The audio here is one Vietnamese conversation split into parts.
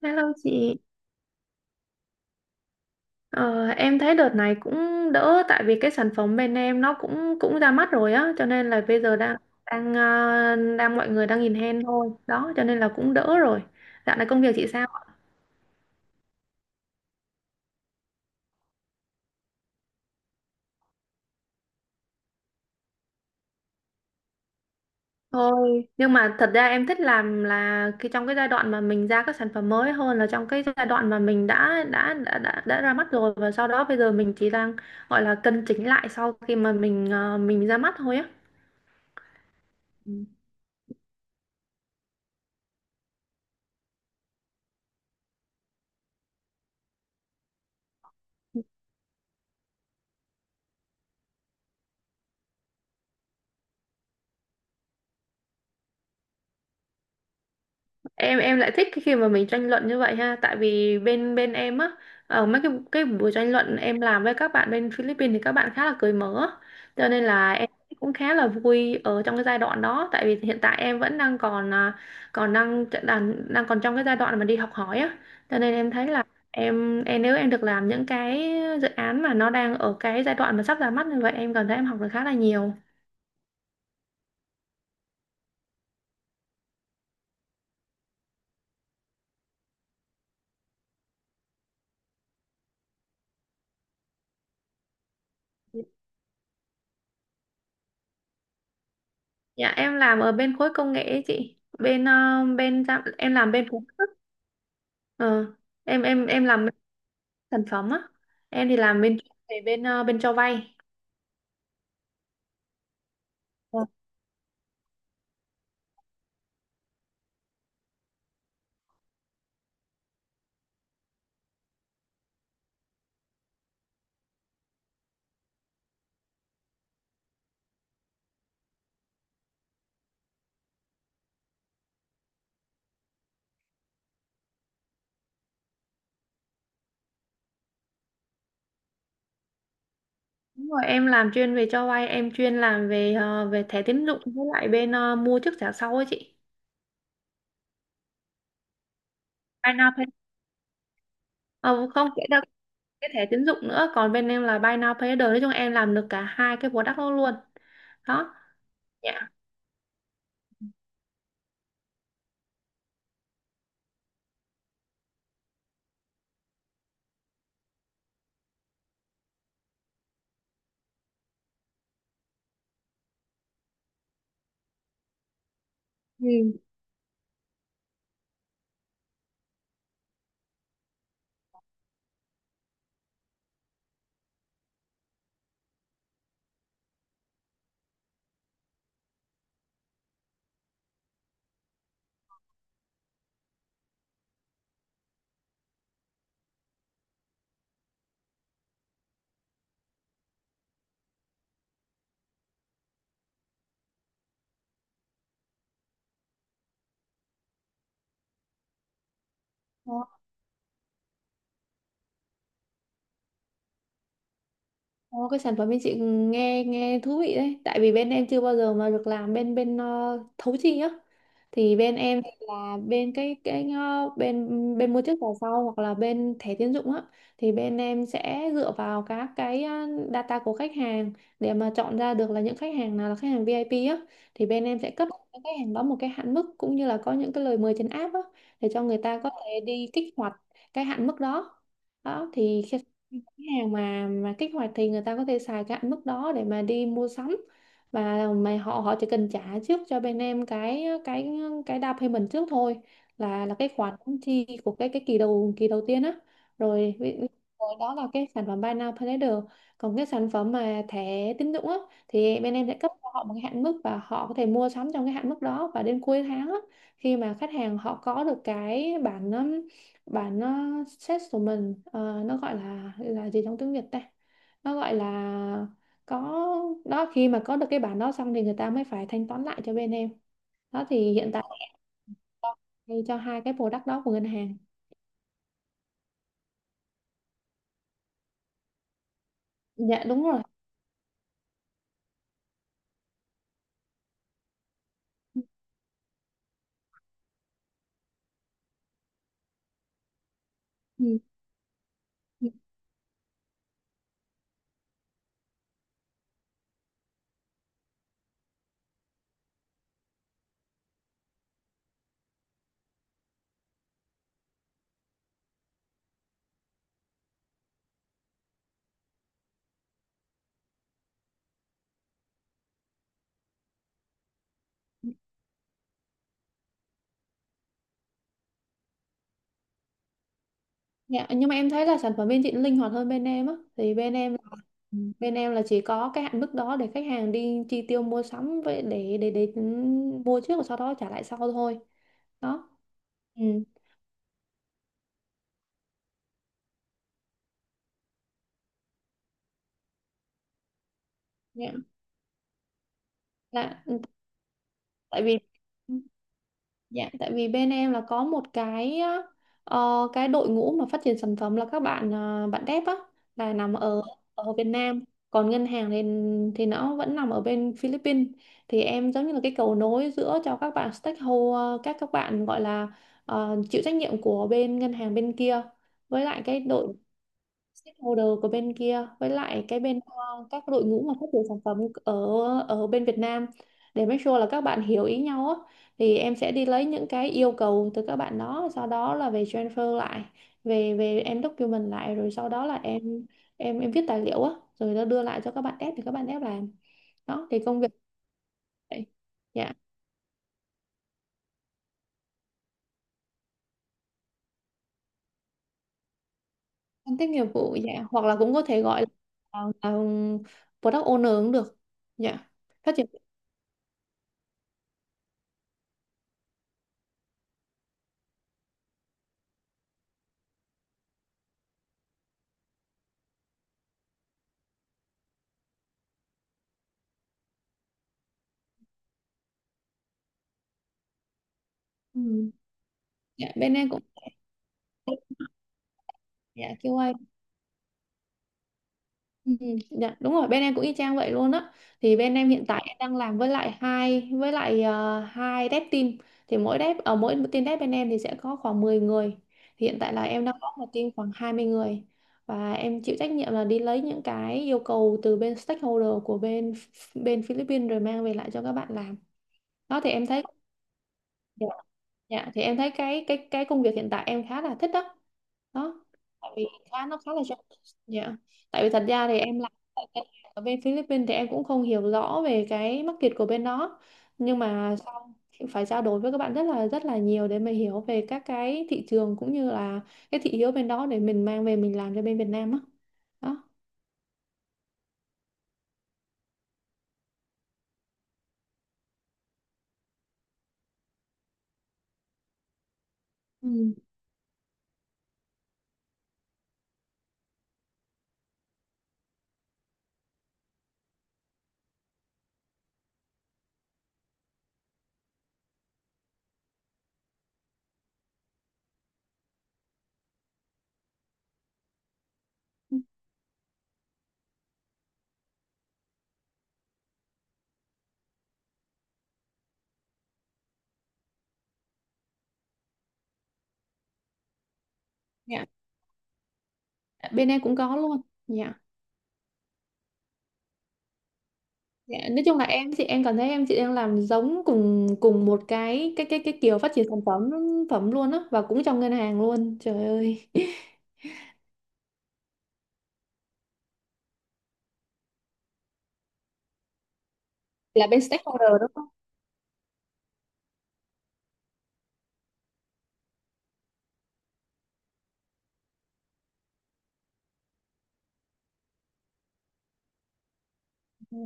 Hello chị. Ờ, em thấy đợt này cũng đỡ, tại vì cái sản phẩm bên em nó cũng cũng ra mắt rồi á, cho nên là bây giờ đang đang ờ, đang mọi người đang nhìn hen thôi, đó, cho nên là cũng đỡ rồi. Dạo này công việc chị sao? Thôi, nhưng mà thật ra em thích làm là cái trong cái giai đoạn mà mình ra các sản phẩm mới hơn là trong cái giai đoạn mà mình đã ra mắt rồi và sau đó bây giờ mình chỉ đang gọi là cân chỉnh lại sau khi mà mình ra mắt thôi á. Em lại thích cái khi mà mình tranh luận như vậy ha, tại vì bên bên em á, ở mấy cái buổi tranh luận em làm với các bạn bên Philippines thì các bạn khá là cởi mở, cho nên là em cũng khá là vui ở trong cái giai đoạn đó, tại vì hiện tại em vẫn đang còn à, còn đang đang đang còn trong cái giai đoạn mà đi học hỏi á, cho nên em thấy là em nếu em được làm những cái dự án mà nó đang ở cái giai đoạn mà sắp ra mắt như vậy, em cảm thấy em học được khá là nhiều. Dạ em làm ở bên khối công nghệ ấy chị. Bên ờ, bên giám- Em làm bên phụ cấp. Ờ, em làm bên sản phẩm á. Em thì làm bên chuyên về bên cho vay. Ờ, đúng rồi, em làm chuyên về cho vay, em chuyên làm về về thẻ tín dụng với lại mua trước trả sau ấy chị. Buy now pay. Ờ, không kể đâu cái thẻ tín dụng nữa, còn bên em là buy now pay later. Nói chung em làm được cả hai cái product đó luôn. Đó. Dạ. Ừ. Ồ, cái sản phẩm bên chị nghe nghe thú vị đấy, tại vì bên em chưa bao giờ mà được làm bên bên ờ, thấu chi á, thì bên em thì là bên cái ờ, bên bên mua trước vào sau hoặc là bên thẻ tín dụng á, thì bên em sẽ dựa vào các cái data của khách hàng để mà chọn ra được là những khách hàng nào là khách hàng VIP á, thì bên em sẽ cấp cho những khách hàng đó một cái hạn mức cũng như là có những cái lời mời trên app á, để cho người ta có thể đi kích hoạt cái hạn mức đó. Đó thì khi cái hàng mà kích hoạt thì người ta có thể xài cái hạn mức đó để mà đi mua sắm, và mà họ họ chỉ cần trả trước cho bên em cái down payment trước thôi, là cái khoản chi của cái kỳ đầu, kỳ đầu tiên á. Rồi, ví- ví- rồi đó là cái sản phẩm buy now pay later, còn cái sản phẩm mà thẻ tín dụng á thì bên em sẽ cấp cho họ một cái hạn mức và họ có thể mua sắm trong cái hạn mức đó, và đến cuối tháng á, khi mà khách hàng họ có được cái bản bản set của mình, nó gọi là gì trong tiếng Việt ta, nó gọi là có, đó khi mà có được cái bản đó xong thì người ta mới phải thanh toán lại cho bên em. Đó thì hiện tại cho hai cái product đó của ngân hàng. Dạ đúng rồi. Ừ, ừ, ừ. Dạ, nhưng mà em thấy là sản phẩm bên chị nó linh hoạt hơn bên em á, thì bên em là ừ, bên em là chỉ có cái hạn mức đó để khách hàng đi chi tiêu mua sắm vậy, để ừ, mua trước và sau đó trả lại sau thôi. Đó. Ừ. Dạ. Dạ, ừ. Tại vì dạ, tại vì bên em là có một cái cái đội ngũ mà phát triển sản phẩm là các bạn bạn dev á, là nằm ở ở Việt Nam, còn ngân hàng thì nó vẫn nằm ở bên Philippines. Thì em giống như là cái cầu nối giữa cho các bạn stakeholder, các bạn gọi là chịu trách nhiệm của bên ngân hàng bên kia, với lại cái đội stakeholder của bên kia, với lại cái các đội ngũ mà phát triển sản phẩm ở ở bên Việt Nam, để make sure là các bạn hiểu ý nhau á. Thì em sẽ đi lấy những cái yêu cầu từ các bạn đó, sau đó là về transfer lại, về về em document lại, rồi sau đó là em viết tài liệu á, rồi nó đưa lại cho các bạn dev thì các bạn dev làm. Đó thì công việc vậy. Dạ, phân tích nghiệp vụ dạ, hoặc là cũng có thể gọi là product owner cũng được dạ. Phát triển. Ừ. Dạ bên em cũng. Dạ QA. Ừ, dạ, đúng rồi, bên em cũng y chang vậy luôn á. Thì bên em hiện tại em đang làm với lại hai, với lại hai dev team. Thì mỗi dev ở mỗi team dev bên em thì sẽ có khoảng 10 người, thì hiện tại là em đang có một team khoảng 20 người, và em chịu trách nhiệm là đi lấy những cái yêu cầu từ bên stakeholder của bên bên Philippines rồi mang về lại cho các bạn làm. Đó thì em thấy. Dạ, thì em thấy cái công việc hiện tại em khá là thích đó. Đó tại vì khá, nó khá là rộng. Dạ, tại vì thật ra thì em làm tại ngân hàng ở bên Philippines thì em cũng không hiểu rõ về cái market của bên đó, nhưng mà sau phải trao đổi với các bạn rất là nhiều để mình hiểu về các cái thị trường cũng như là cái thị hiếu bên đó để mình mang về mình làm cho bên Việt Nam á. Đó. Ừ. Dạ, bên em cũng có luôn. Dạ. Dạ, nói chung là em chị, em cảm thấy em chị đang làm giống cùng cùng một cái kiểu phát triển sản phẩm phẩm luôn á, và cũng trong ngân hàng luôn trời ơi là bên stakeholder đúng không? Ừ.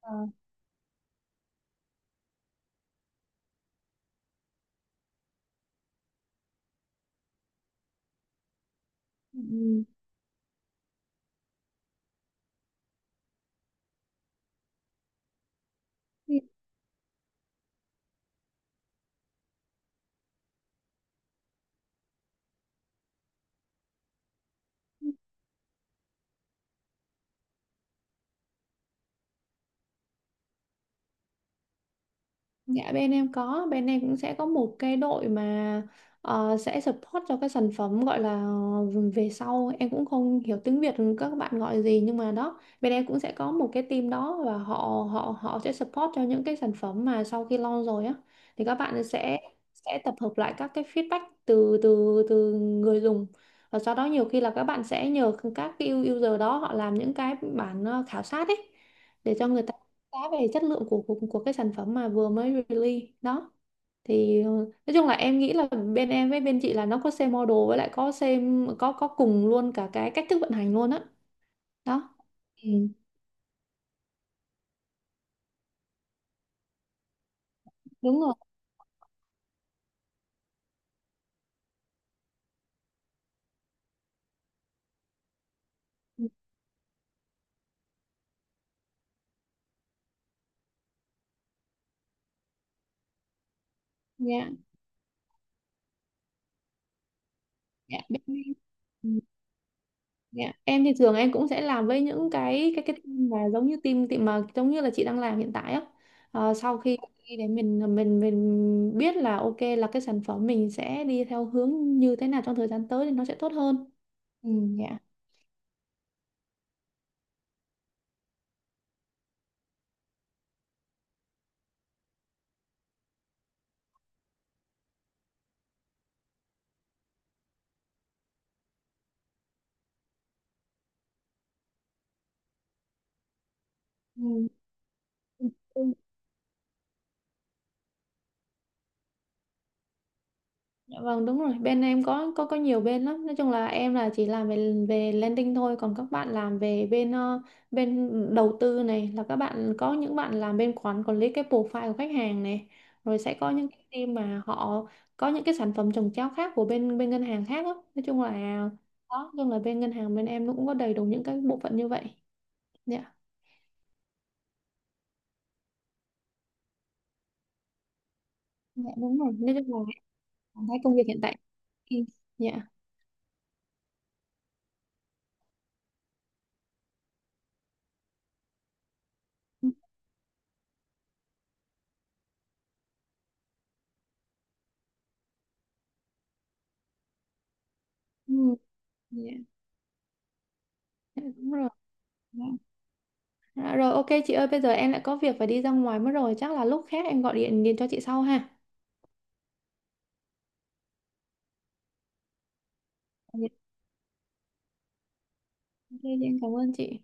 Ờ. Ừ. Dạ bên em có, bên em cũng sẽ có một cái đội mà sẽ support cho cái sản phẩm gọi là, về sau em cũng không hiểu tiếng Việt các bạn gọi gì, nhưng mà đó bên em cũng sẽ có một cái team đó và họ họ họ sẽ support cho những cái sản phẩm mà sau khi launch rồi á. Thì các bạn sẽ tập hợp lại các cái feedback từ từ từ người dùng, và sau đó nhiều khi là các bạn sẽ nhờ các cái user đó họ làm những cái bản khảo sát ấy, để cho người ta giá về chất lượng của, của cái sản phẩm mà vừa mới release đó. Thì nói chung là em nghĩ là bên em với bên chị là nó có same model, với lại có same, có cùng luôn cả cái cách thức vận hành luôn á. Đó. Ừ, đúng rồi. Dạ, dạ, bên em. Ừ, dạ. Em thì thường em cũng sẽ làm với những cái team mà giống như team team mà giống như là chị đang làm hiện tại á. Ờ, sau khi khi để mình biết là ok là cái sản phẩm mình sẽ đi theo hướng như thế nào trong thời gian tới thì nó sẽ tốt hơn. Ừ, dạ. Ừ, ừ, ừ. Dạ vâng đúng rồi, bên em có nhiều bên lắm, nói chung là em là chỉ làm về về landing thôi, còn các bạn làm về bên đầu tư này, là các bạn có những bạn làm bên quản quản lý cái profile của khách hàng này, rồi sẽ có những cái team mà họ có những cái sản phẩm trồng chéo khác của bên bên ngân hàng khác đó. Nói chung là đó, nói chung là bên ngân hàng bên em nó cũng có đầy đủ những cái bộ phận như vậy. Dạ. Dạ đúng rồi, nói chung là em cảm thấy công việc hiện tại. Ừ, dạ. Ừ, ừ, dạ. Dạ, đúng rồi. Dạ. Dạ rồi ok chị ơi, bây giờ em lại có việc phải đi ra ngoài mất rồi, chắc là lúc khác em gọi điện điện cho chị sau ha. Dạ, ok, chị em cảm ơn chị.